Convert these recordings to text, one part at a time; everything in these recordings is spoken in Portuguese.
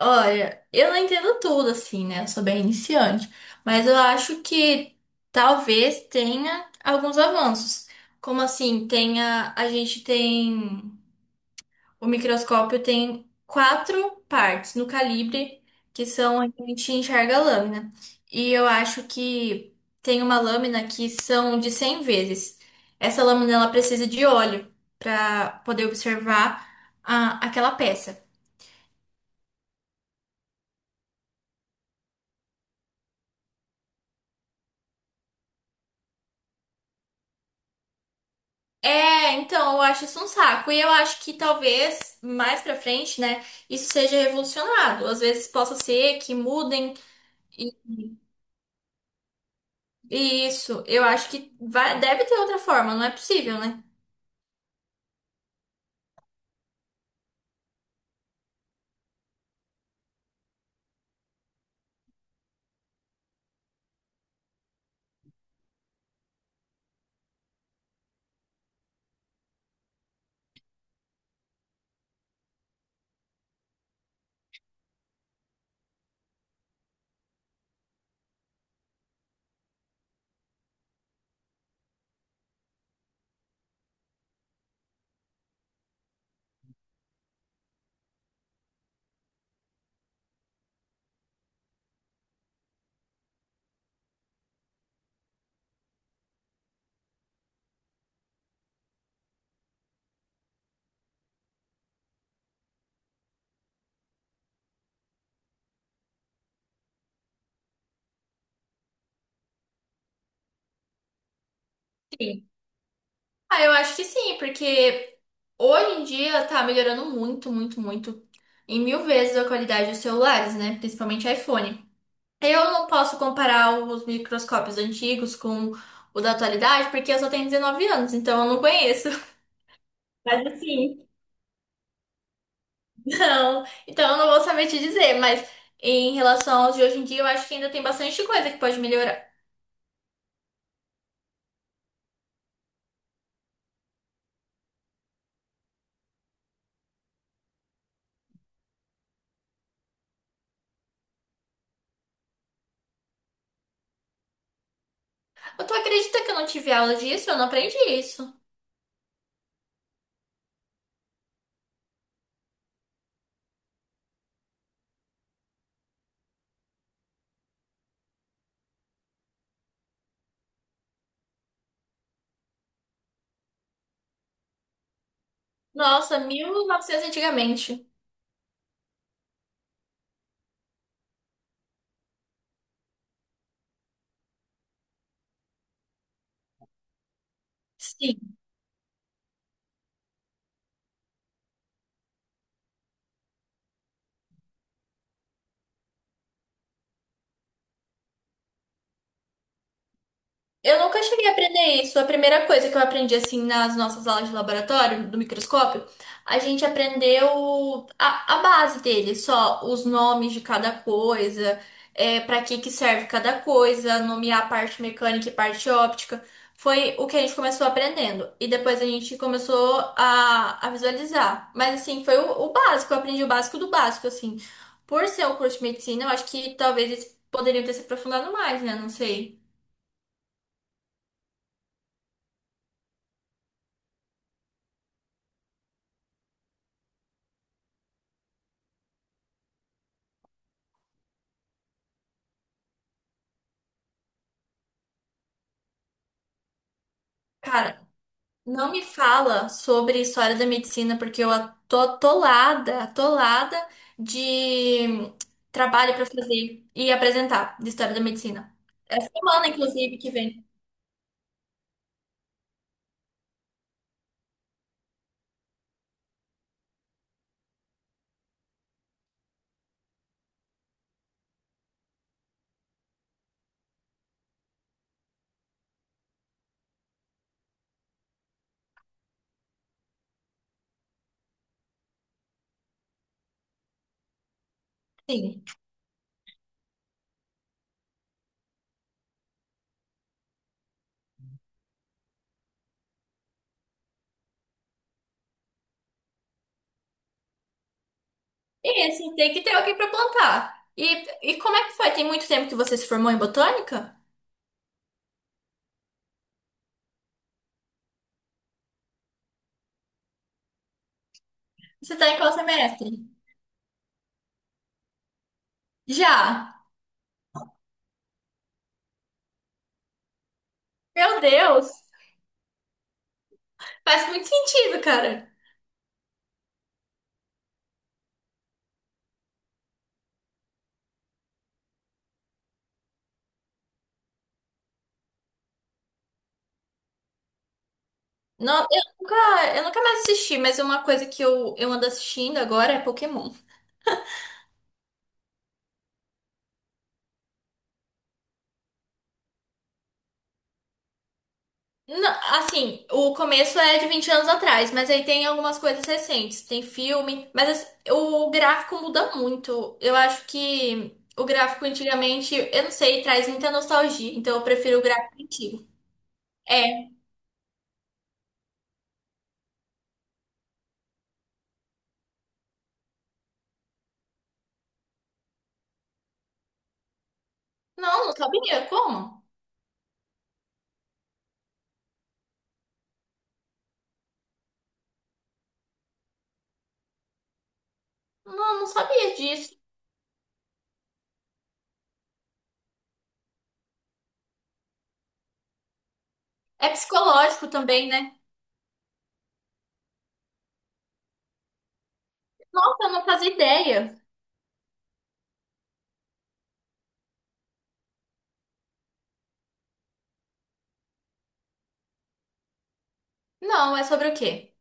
Olha, eu não entendo tudo assim, né? Eu sou bem iniciante, mas eu acho que talvez tenha alguns avanços. Como assim, tenha, a gente tem, o microscópio tem quatro partes no calibre, que são onde a gente enxerga a lâmina. E eu acho que tem uma lâmina que são de 100 vezes. Essa lâmina ela precisa de óleo para poder observar aquela peça. É, então, eu acho isso um saco. E eu acho que talvez mais pra frente, né, isso seja revolucionado. Às vezes possa ser que mudem e e isso. Eu acho que vai, deve ter outra forma, não é possível, né? Sim. Ah, eu acho que sim, porque hoje em dia tá melhorando muito, muito, muito. Em 1.000 vezes a qualidade dos celulares, né? Principalmente iPhone. Eu não posso comparar os microscópios antigos com o da atualidade, porque eu só tenho 19 anos, então eu não conheço. Mas assim. Não, então eu não vou saber te dizer, mas em relação aos de hoje em dia, eu acho que ainda tem bastante coisa que pode melhorar. Eu Tu acredita que eu não tive aula disso? Eu não aprendi isso. Nossa, 1.900 antigamente. Sim. Eu nunca cheguei a aprender isso. A primeira coisa que eu aprendi, assim, nas nossas aulas de laboratório, do microscópio, a gente aprendeu a base dele, só os nomes de cada coisa, para que que serve cada coisa, nomear a parte mecânica e parte óptica. Foi o que a gente começou aprendendo. E depois a gente começou a visualizar. Mas, assim, foi o básico. Eu aprendi o básico do básico, assim. Por ser um curso de medicina, eu acho que talvez eles poderiam ter se aprofundado mais, né? Não sei. Cara, não me fala sobre história da medicina, porque eu tô atolada, atolada de trabalho para fazer e apresentar de história da medicina. Essa semana, inclusive, que vem. Sim. E assim, tem que ter alguém para plantar. E como é que foi? Tem muito tempo que você se formou em botânica? Você tá em qual semestre? Já. Meu Deus! Faz muito sentido, cara. Não, eu nunca mais assisti, mas uma coisa que eu ando assistindo agora é Pokémon. Não, assim, o começo é de 20 anos atrás, mas aí tem algumas coisas recentes, tem filme, mas assim, o gráfico muda muito. Eu acho que o gráfico antigamente, eu não sei, traz muita nostalgia, então eu prefiro o gráfico antigo. É, não, não sabia como? Não, não sabia disso. É psicológico também, né? Nossa, eu não fazia ideia. Não, é sobre o quê?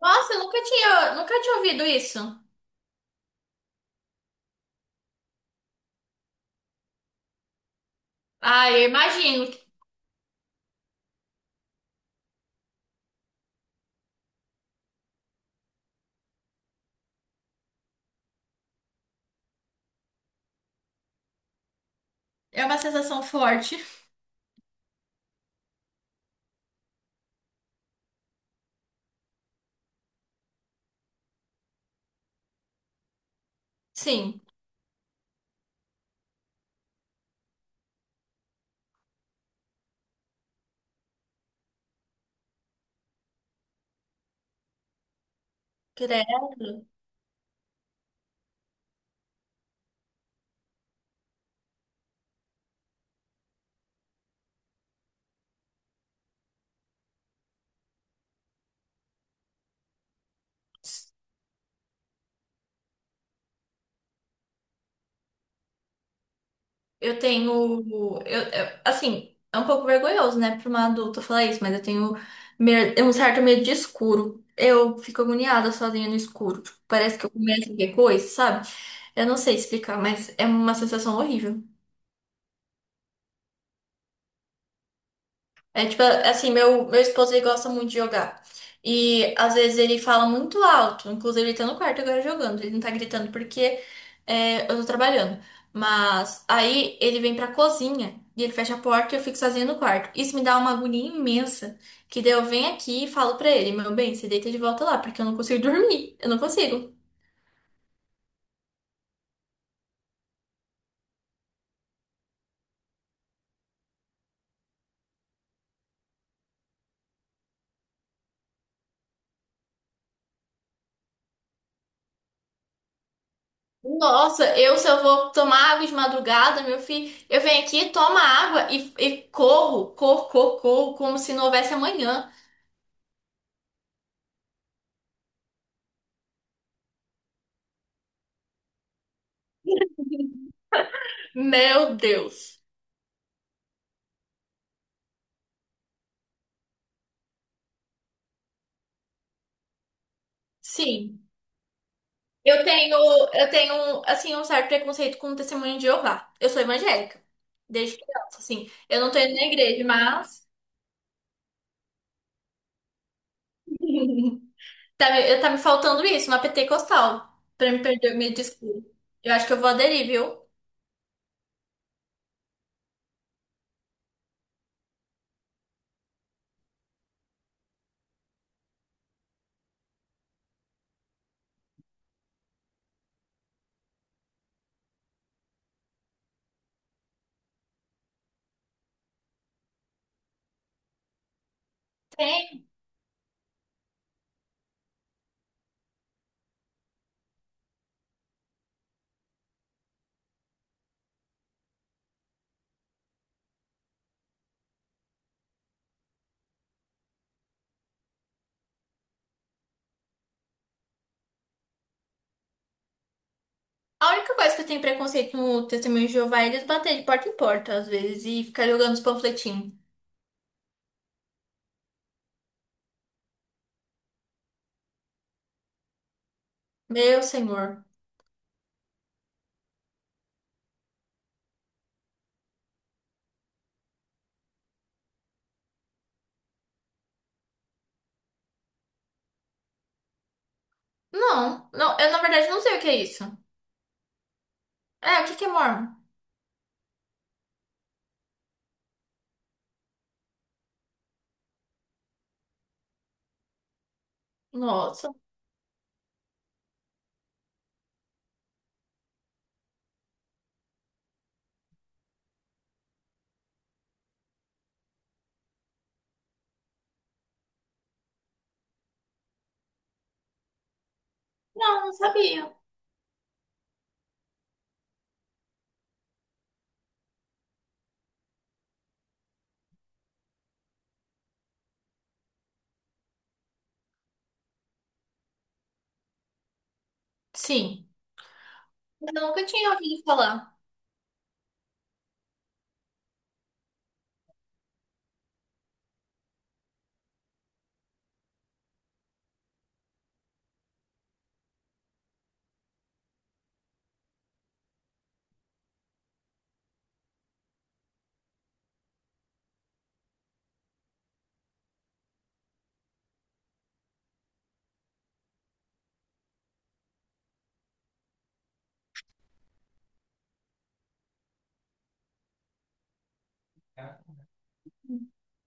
Nossa, eu nunca tinha ouvido isso. Ah, eu imagino. É uma sensação forte. Sim, credo. Eu tenho. Assim, é um pouco vergonhoso, né, pra uma adulta falar isso, mas eu tenho um certo medo de escuro. Eu fico agoniada sozinha no escuro. Tipo, parece que eu começo a ver coisa, sabe? Eu não sei explicar, mas é uma sensação horrível. É tipo, assim, meu esposo ele gosta muito de jogar. E às vezes ele fala muito alto. Inclusive, ele tá no quarto agora jogando. Ele não tá gritando porque eu tô trabalhando. Mas aí ele vem pra cozinha e ele fecha a porta e eu fico sozinha no quarto. Isso me dá uma agonia imensa. Que daí eu venho aqui e falo pra ele, meu bem, você deita de volta lá, porque eu não consigo dormir. Eu não consigo. Nossa, eu se eu vou tomar água de madrugada, meu filho, eu venho aqui, tomo a água e corro, corro, corro, corro, como se não houvesse amanhã. Meu Deus. Sim. Eu tenho, eu tenho, assim, um certo preconceito com o testemunho de Jeová. Eu sou evangélica. Desde criança, assim. Eu não tô indo na igreja, mas. Tá, eu tá me faltando isso, uma pentecostal. Pra me perder, me desculpa. Eu acho que eu vou aderir, viu? Tem. A única coisa que eu tenho preconceito no testemunho de Jeová é eles baterem de porta em porta, às vezes, e ficar jogando os panfletinhos. Meu senhor. Não, não, eu na verdade não sei o que é isso. É, o que que é mormon? Nossa. Não, não sabia. Sim. Eu nunca tinha ouvido falar.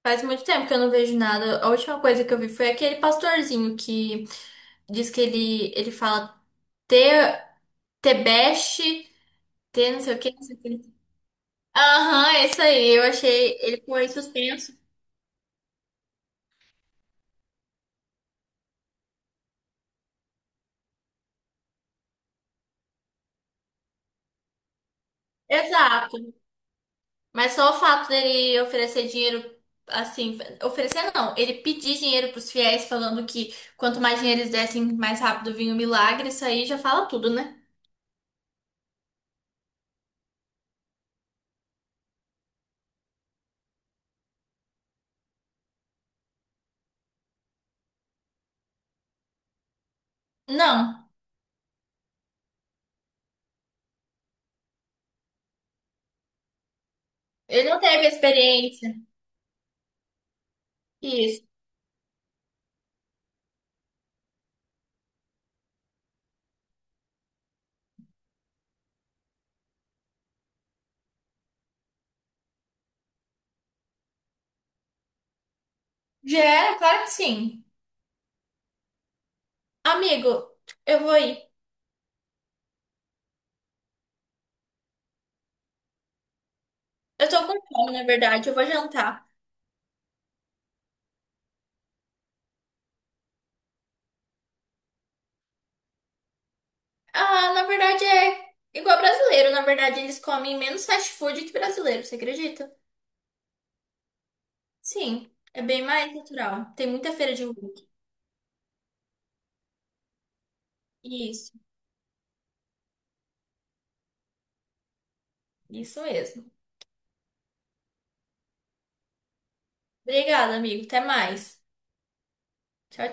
Faz muito tempo que eu não vejo nada. A última coisa que eu vi foi aquele pastorzinho que diz que ele fala te, tebeste, te não sei o que, não sei o que. Aham, é isso aí. Eu achei ele com aí suspenso. Exato. Mas só o fato dele oferecer dinheiro, assim, oferecer não, ele pedir dinheiro pros fiéis, falando que quanto mais dinheiro eles dessem, mais rápido vinha o milagre, isso aí já fala tudo, né? Não, ele não teve experiência. Isso. Já era, claro que sim. Amigo, eu vou ir. Eu tô com fome, na verdade, eu vou jantar. Ah, na verdade é igual brasileiro, na verdade eles comem menos fast food que brasileiro, você acredita? Sim, é bem mais natural. Tem muita feira de rua aqui. Isso. Isso mesmo. Obrigada, amigo. Até mais. Tchau.